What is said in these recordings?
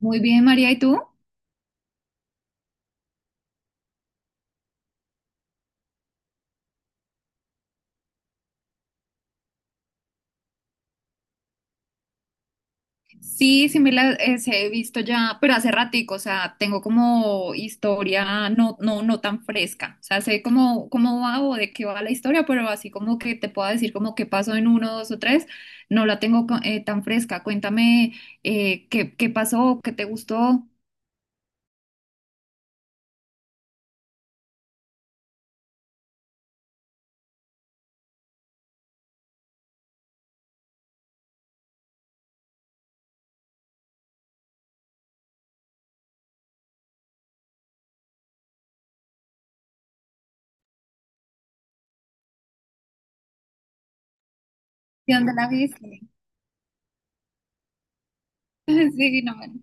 Muy bien, María, ¿y tú? Sí, sí me las he visto ya, pero hace ratico, o sea, tengo como historia no tan fresca. O sea, sé cómo, cómo va o de qué va la historia, pero así como que te puedo decir como qué pasó en uno, dos o tres, no la tengo tan fresca. Cuéntame, qué, qué pasó, qué te gustó, de dónde la viste. Sí, no, bueno.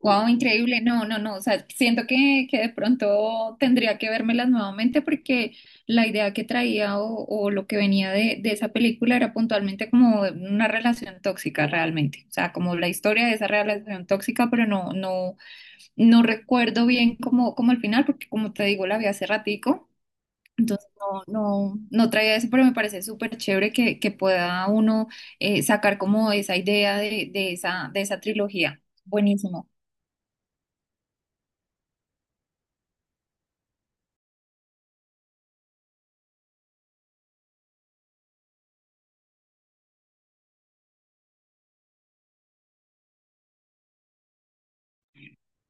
Wow, increíble. No, no, no. O sea, siento que de pronto tendría que vérmelas nuevamente porque la idea que traía, o lo que venía de esa película era puntualmente como una relación tóxica realmente. O sea, como la historia de esa relación tóxica, pero no recuerdo bien cómo, cómo el final, porque como te digo, la vi hace ratico. Entonces no, no traía eso, pero me parece súper chévere que pueda uno sacar como esa idea de esa trilogía. Buenísimo.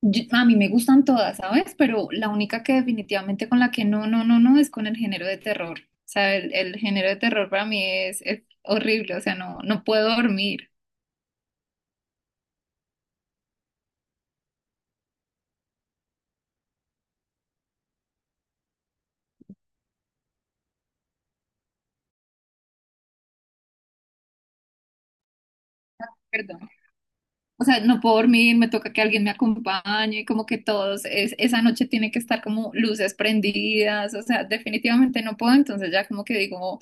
Yo- a mí me gustan todas, ¿sabes? Pero la única que definitivamente con la que no es con el género de terror. O sea, el género de terror para mí es horrible, o sea, no, no puedo dormir, perdón. O sea, no puedo dormir, me toca que alguien me acompañe, como que todos, es, esa noche tiene que estar como luces prendidas, o sea, definitivamente no puedo, entonces ya como que digo,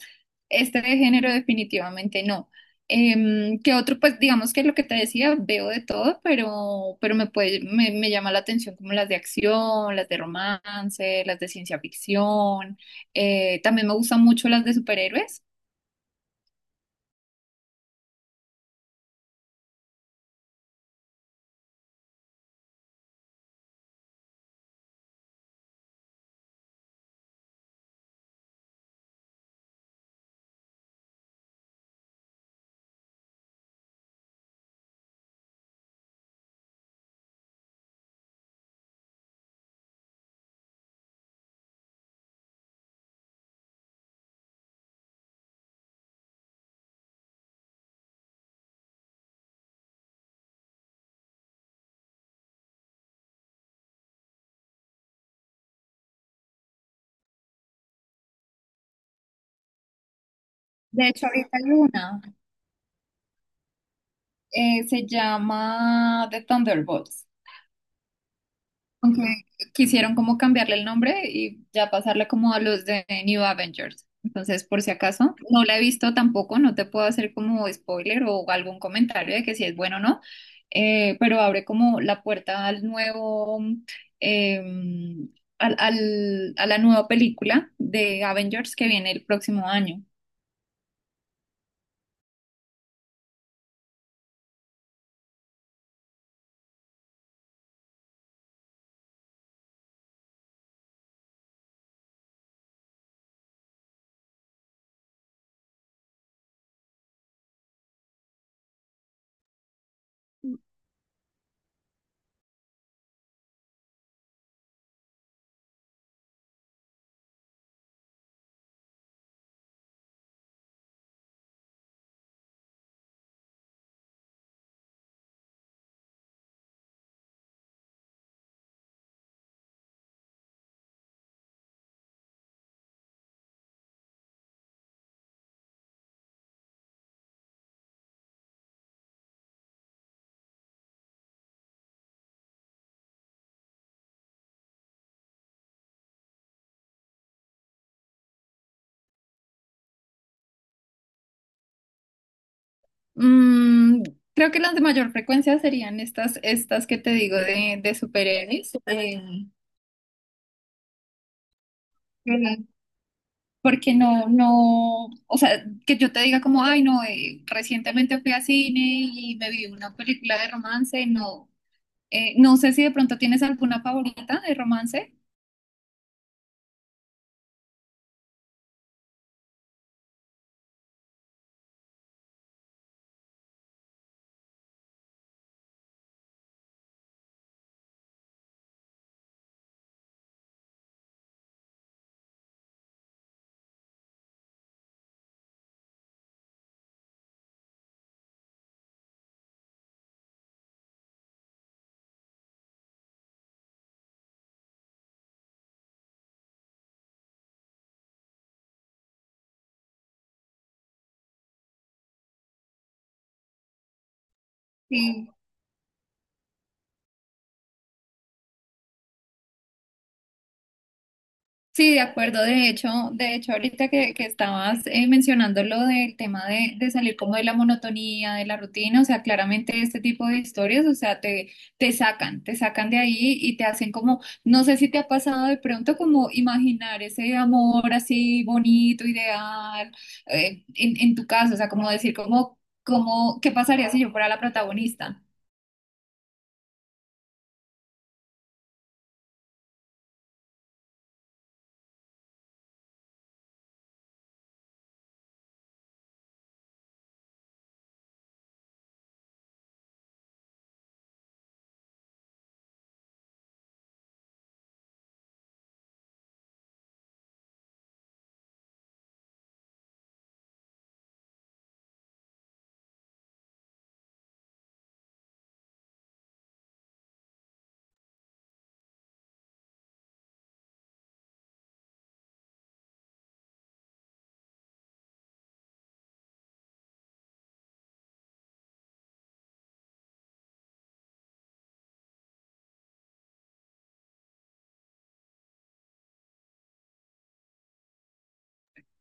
este de género definitivamente no. ¿Qué otro? Pues digamos que lo que te decía, veo de todo, pero me puede, me llama la atención como las de acción, las de romance, las de ciencia ficción. También me gustan mucho las de superhéroes. De hecho, ahorita hay una, se llama The Thunderbolts. Aunque quisieron como cambiarle el nombre y ya pasarle como a los de New Avengers. Entonces, por si acaso, no la he visto tampoco, no te puedo hacer como spoiler o algún comentario de que si es bueno o no, pero abre como la puerta al nuevo, eh, al, a la nueva película de Avengers que viene el próximo año. Mm, creo que las de mayor frecuencia serían estas, estas que te digo de superhéroes. eh, Porque no, no, o sea, que yo te diga como, ay, no, recientemente fui a cine y me vi una película de romance, no. No sé si de pronto tienes alguna favorita de romance. Sí, de acuerdo. De hecho, ahorita que estabas mencionando lo del tema de salir como de la monotonía, de la rutina, o sea, claramente este tipo de historias, o sea, te, te sacan de ahí y te hacen como, no sé si te ha pasado de pronto como imaginar ese amor así bonito, ideal, en tu caso, o sea, como decir como, como, ¿qué pasaría si yo fuera la protagonista?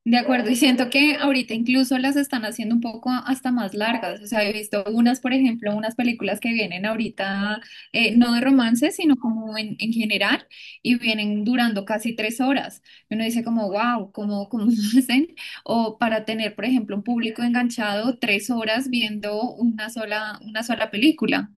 De acuerdo, y siento que ahorita incluso las están haciendo un poco hasta más largas. O sea, he visto unas, por ejemplo, unas películas que vienen ahorita, no de romance, sino como en general, y vienen durando casi tres horas. Y uno dice como, wow, ¿cómo, cómo lo hacen? O para tener, por ejemplo, un público enganchado tres horas viendo una sola película.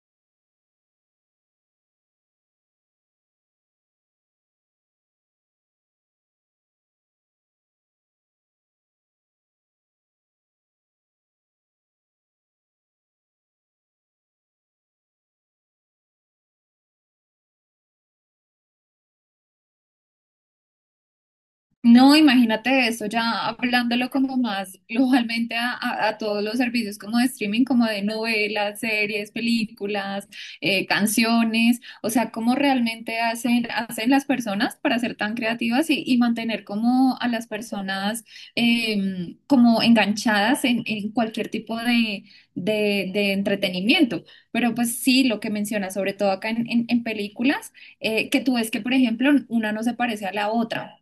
No, imagínate eso, ya hablándolo como más globalmente a, a todos los servicios como de streaming, como de novelas, series, películas, canciones, o sea, cómo realmente hacen, hacen las personas para ser tan creativas y mantener como a las personas como enganchadas en cualquier tipo de, de entretenimiento. Pero pues sí, lo que mencionas, sobre todo acá en, en películas, que tú ves que, por ejemplo, una no se parece a la otra.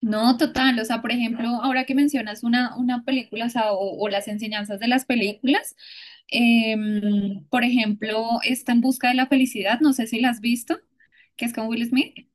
No, total. O sea, por ejemplo, ahora que mencionas una película, o, sea, o las enseñanzas de las películas, por ejemplo, está En Busca de la Felicidad, no sé si la has visto, que es con Will Smith.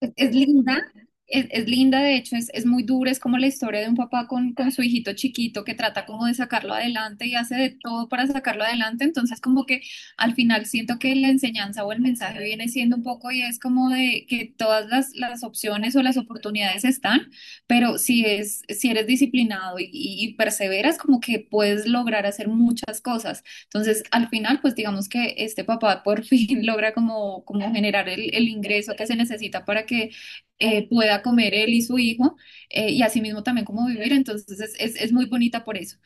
Es, es linda, es linda, de hecho, es muy dura, es como la historia de un papá con su hijito chiquito que trata como de sacarlo adelante y hace de todo para sacarlo adelante, entonces como que al final siento que la enseñanza o el mensaje viene siendo un poco y es como de que todas las opciones o las oportunidades están, pero si es, si eres disciplinado y perseveras, como que puedes lograr hacer muchas cosas. Entonces, al final, pues digamos que este papá por fin logra como, como generar el ingreso que se necesita para que pueda comer él y su hijo y asimismo también como vivir. Entonces, es muy bonita por eso.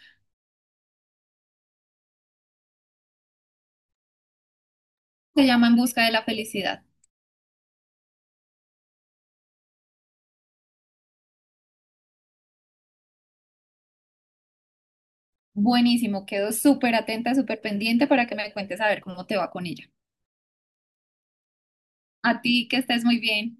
Se llama En Busca de la Felicidad. Buenísimo, quedo súper atenta, súper pendiente para que me cuentes a ver cómo te va con ella. A ti, que estés muy bien.